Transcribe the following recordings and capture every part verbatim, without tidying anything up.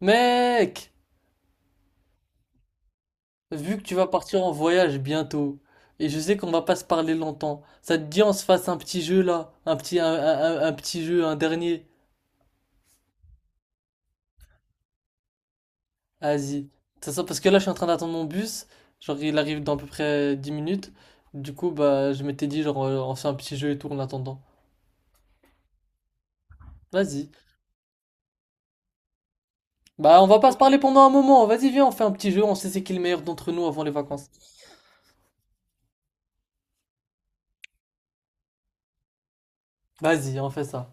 Mec, vu que tu vas partir en voyage bientôt, et je sais qu'on va pas se parler longtemps, ça te dit on se fasse un petit jeu là, un petit, un, un- un- un petit jeu, un dernier. Vas-y. Ça, ça, parce que là je suis en train d'attendre mon bus, genre il arrive dans à peu près dix minutes. Du coup, bah je m'étais dit genre euh, on fait un petit jeu et tout en attendant. Vas-y. Bah on va pas se parler pendant un moment, vas-y viens on fait un petit jeu, on sait c'est qui le meilleur d'entre nous avant les vacances. Vas-y, on fait ça.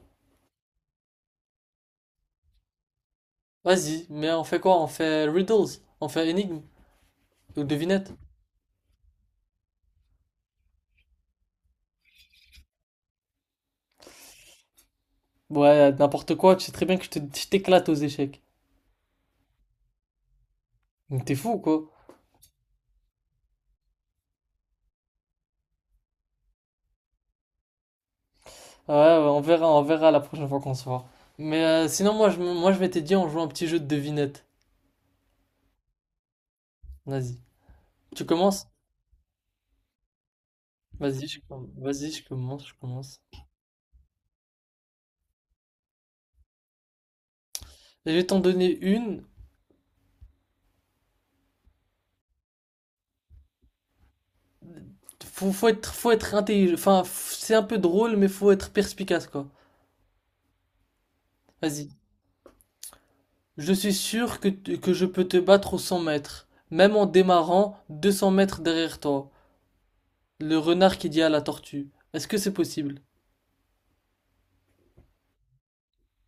Vas-y, mais on fait quoi? On fait riddles, on fait énigmes ou devinettes. Ouais, n'importe quoi, tu sais très bien que je te- je t'éclate aux échecs. Donc t'es fou, quoi. Ouais, ouais, on verra, on verra la prochaine fois qu'on se voit. Mais euh, sinon, moi je, me- moi, je vais t'aider, on joue un petit jeu de devinette. Vas-y. Tu commences? Vas-y, je, com- vas-y, je commence, je commence. Je vais t'en donner une. Faut, faut être, faut être intelligent. Enfin, f- c'est un peu drôle, mais faut être perspicace, quoi. Vas-y. Je suis sûr que, t- que je peux te battre aux cent mètres, même en démarrant deux cents mètres derrière toi. Le renard qui dit à la tortue. Est-ce que c'est possible?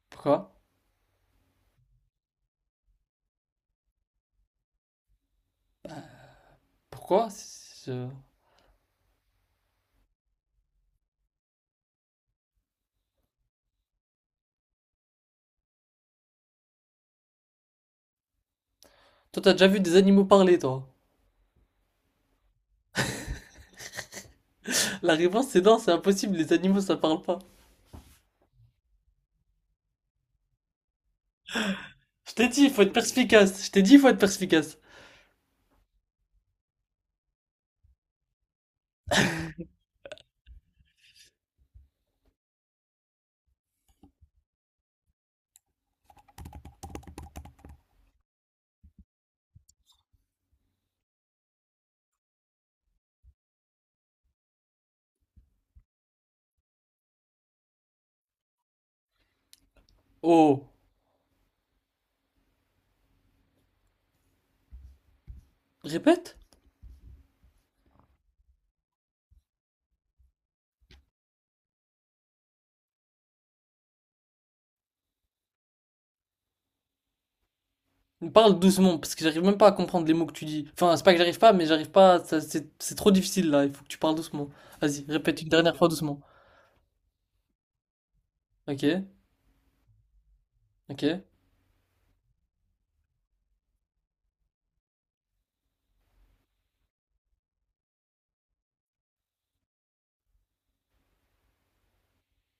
Pourquoi? Pourquoi? Je- Toi, t'as déjà vu des animaux parler, toi? La réponse, c'est non, c'est impossible, les animaux, ça parle pas. Je t'ai dit, il faut être perspicace. Je t'ai dit, il faut être perspicace. Oh, répète? Parle doucement, parce que j'arrive même pas à comprendre les mots que tu dis. Enfin, c'est pas que j'arrive pas, mais j'arrive pas, ça- c'est c'est trop difficile, là. Il faut que tu parles doucement. Vas-y, répète une dernière fois doucement. Ok, ok.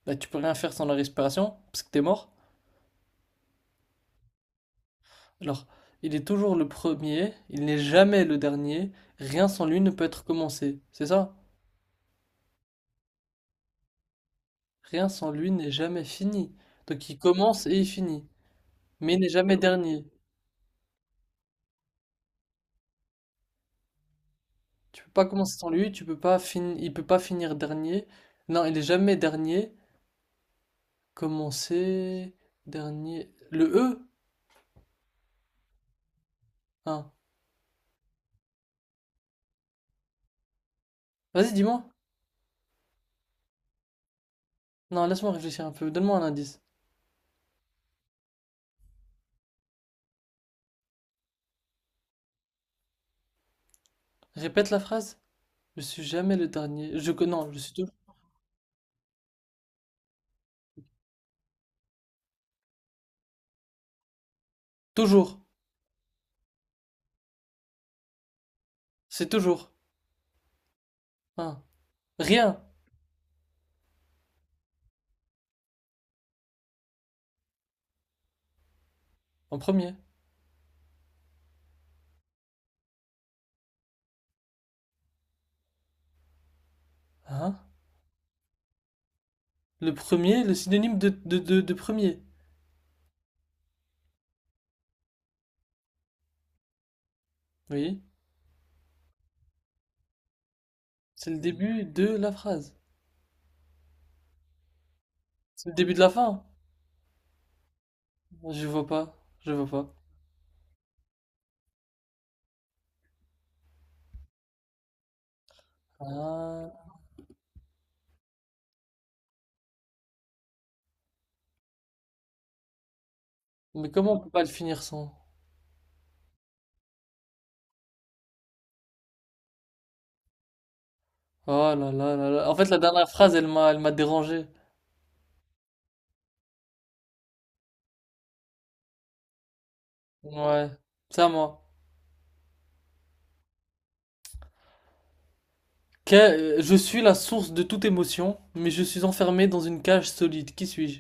Bah, tu peux rien faire sans la respiration, parce que t'es mort. Alors, il est toujours le premier, il n'est jamais le dernier, rien sans lui ne peut être commencé, c'est ça? Rien sans lui n'est jamais fini. Donc il commence et il finit, mais il n'est jamais dernier. Tu peux pas commencer sans lui, tu peux pas finir, il peut pas finir dernier. Non, il est jamais dernier. Commencer, dernier. Le E? Hein. Vas-y, dis-moi. Non, laisse-moi réfléchir un peu. Donne-moi un indice. Répète la phrase. Je suis jamais le dernier. Je que non, je suis tou- toujours. C'est toujours. Hein. Rien en premier. Hein? Le premier, le synonyme de, de, de, de premier. Oui. C'est le début de la phrase. C'est le début de la fin? Je vois pas, je vois pas. Ah, mais comment on peut pas le finir sans? Oh là là là là. En fait, la dernière phrase, elle m'a, elle m'a dérangé. Ouais, c'est à moi. Que- euh, je suis la source de toute émotion, mais je suis enfermé dans une cage solide. Qui suis-je?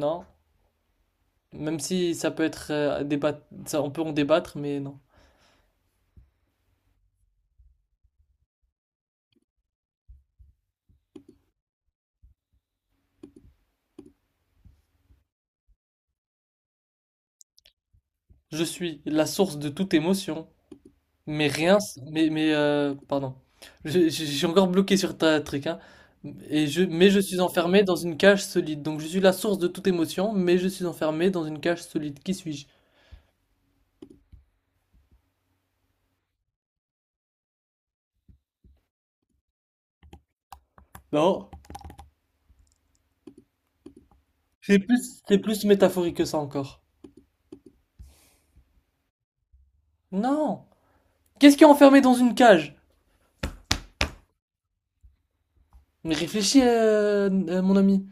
Non. Même si ça peut être euh, à débat- ça, on peut en débattre, mais non. Je suis la source de toute émotion, mais rien, s- mais, mais euh, pardon. Je, je- je suis encore bloqué sur ta truc, hein. Et je, mais je suis enfermé dans une cage solide. Donc je suis la source de toute émotion, mais je suis enfermé dans une cage solide. Qui suis-je? Non, c'est plus, c'est plus métaphorique que ça encore. Non! Qu'est-ce qui est enfermé dans une cage? Mais réfléchis, euh, euh, mon ami.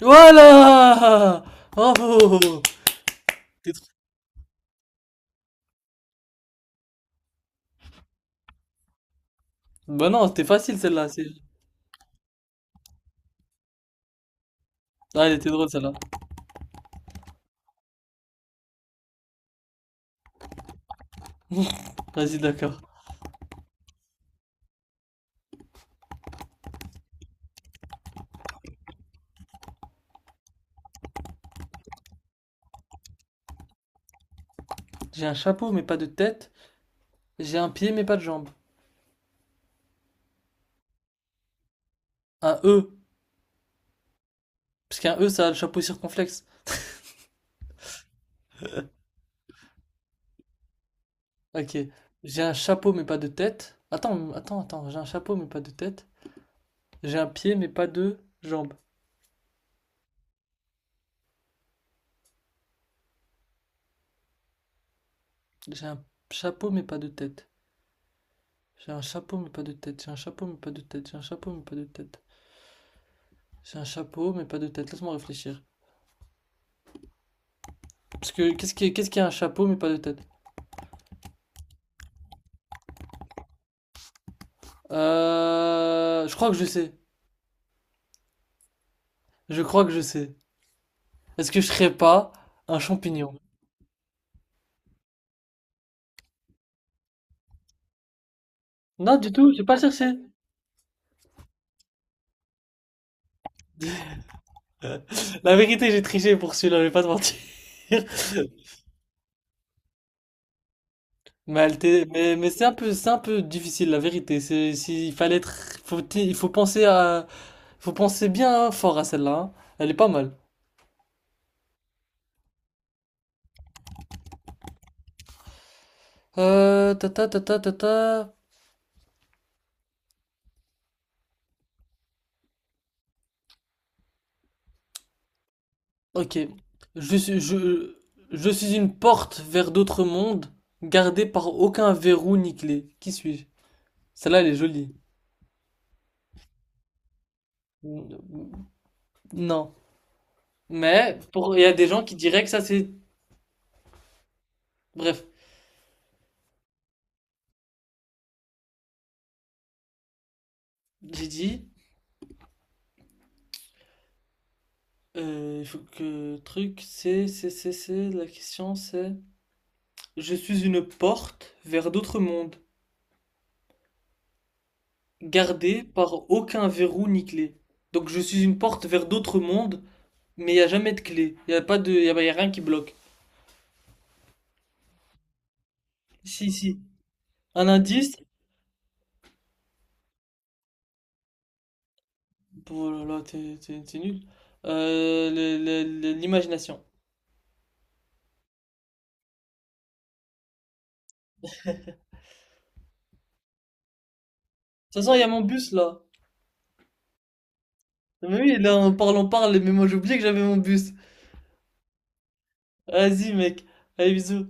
Voilà! Bravo! T'es trop- Bah non, c'était facile celle-là. C'est- Ah, elle était drôle celle-là. Vas-y, d'accord. J'ai un chapeau, mais pas de tête. J'ai un pied, mais pas de jambe. Un E. Parce qu'un E, ça a le chapeau circonflexe. Ok. J'ai un chapeau, mais pas de tête. Attends, attends, attends. J'ai un chapeau, mais pas de tête. J'ai un pied, mais pas de jambes. J'ai un chapeau, mais pas de tête. J'ai un chapeau, mais pas de tête. J'ai un chapeau, mais pas de tête. J'ai un chapeau, mais pas de tête. J'ai un chapeau, mais pas de tête. Laisse-moi réfléchir. Parce que qu'est-ce qui est, qu'est-ce qui a un chapeau, mais pas de tête? Euh, je crois que je sais. Je crois que je sais. Est-ce que je serais pas un champignon? Non, du tout. J'ai pas cherché. La vérité, j'ai triché pour celui-là, je vais pas te mentir. Mais, elle t'est- mais, mais c'est un peu, c'est un peu difficile, la vérité. C'est, si- il fallait être, faut, il faut penser à, faut penser bien fort à celle-là. Hein. Elle est pas mal. Euh, ta ta ta ta ta ta. Ok. Je suis, je, je suis une porte vers d'autres mondes, gardée par aucun verrou ni clé. Qui suis-je? Celle-là, elle est jolie. Non. Mais, pour, il y a des gens qui diraient que ça, c'est, bref. J'ai dit. Euh, il faut que truc, c'est, c'est, c'est, c'est, la question c'est... Je suis une porte vers d'autres mondes, gardée par aucun verrou ni clé. Donc je suis une porte vers d'autres mondes, mais il n'y a jamais de clé. Il n'y a pas de... Il y a, y a rien qui bloque. Si, si. Un indice... Oh là là, t'es, t'es- t'es nul. Euh, le- le- le- l'imagination. De toute façon, il y a mon bus là. Mais oui, là on parle, on parle, mais moi j'ai oublié que j'avais mon bus. Vas-y mec, allez bisous.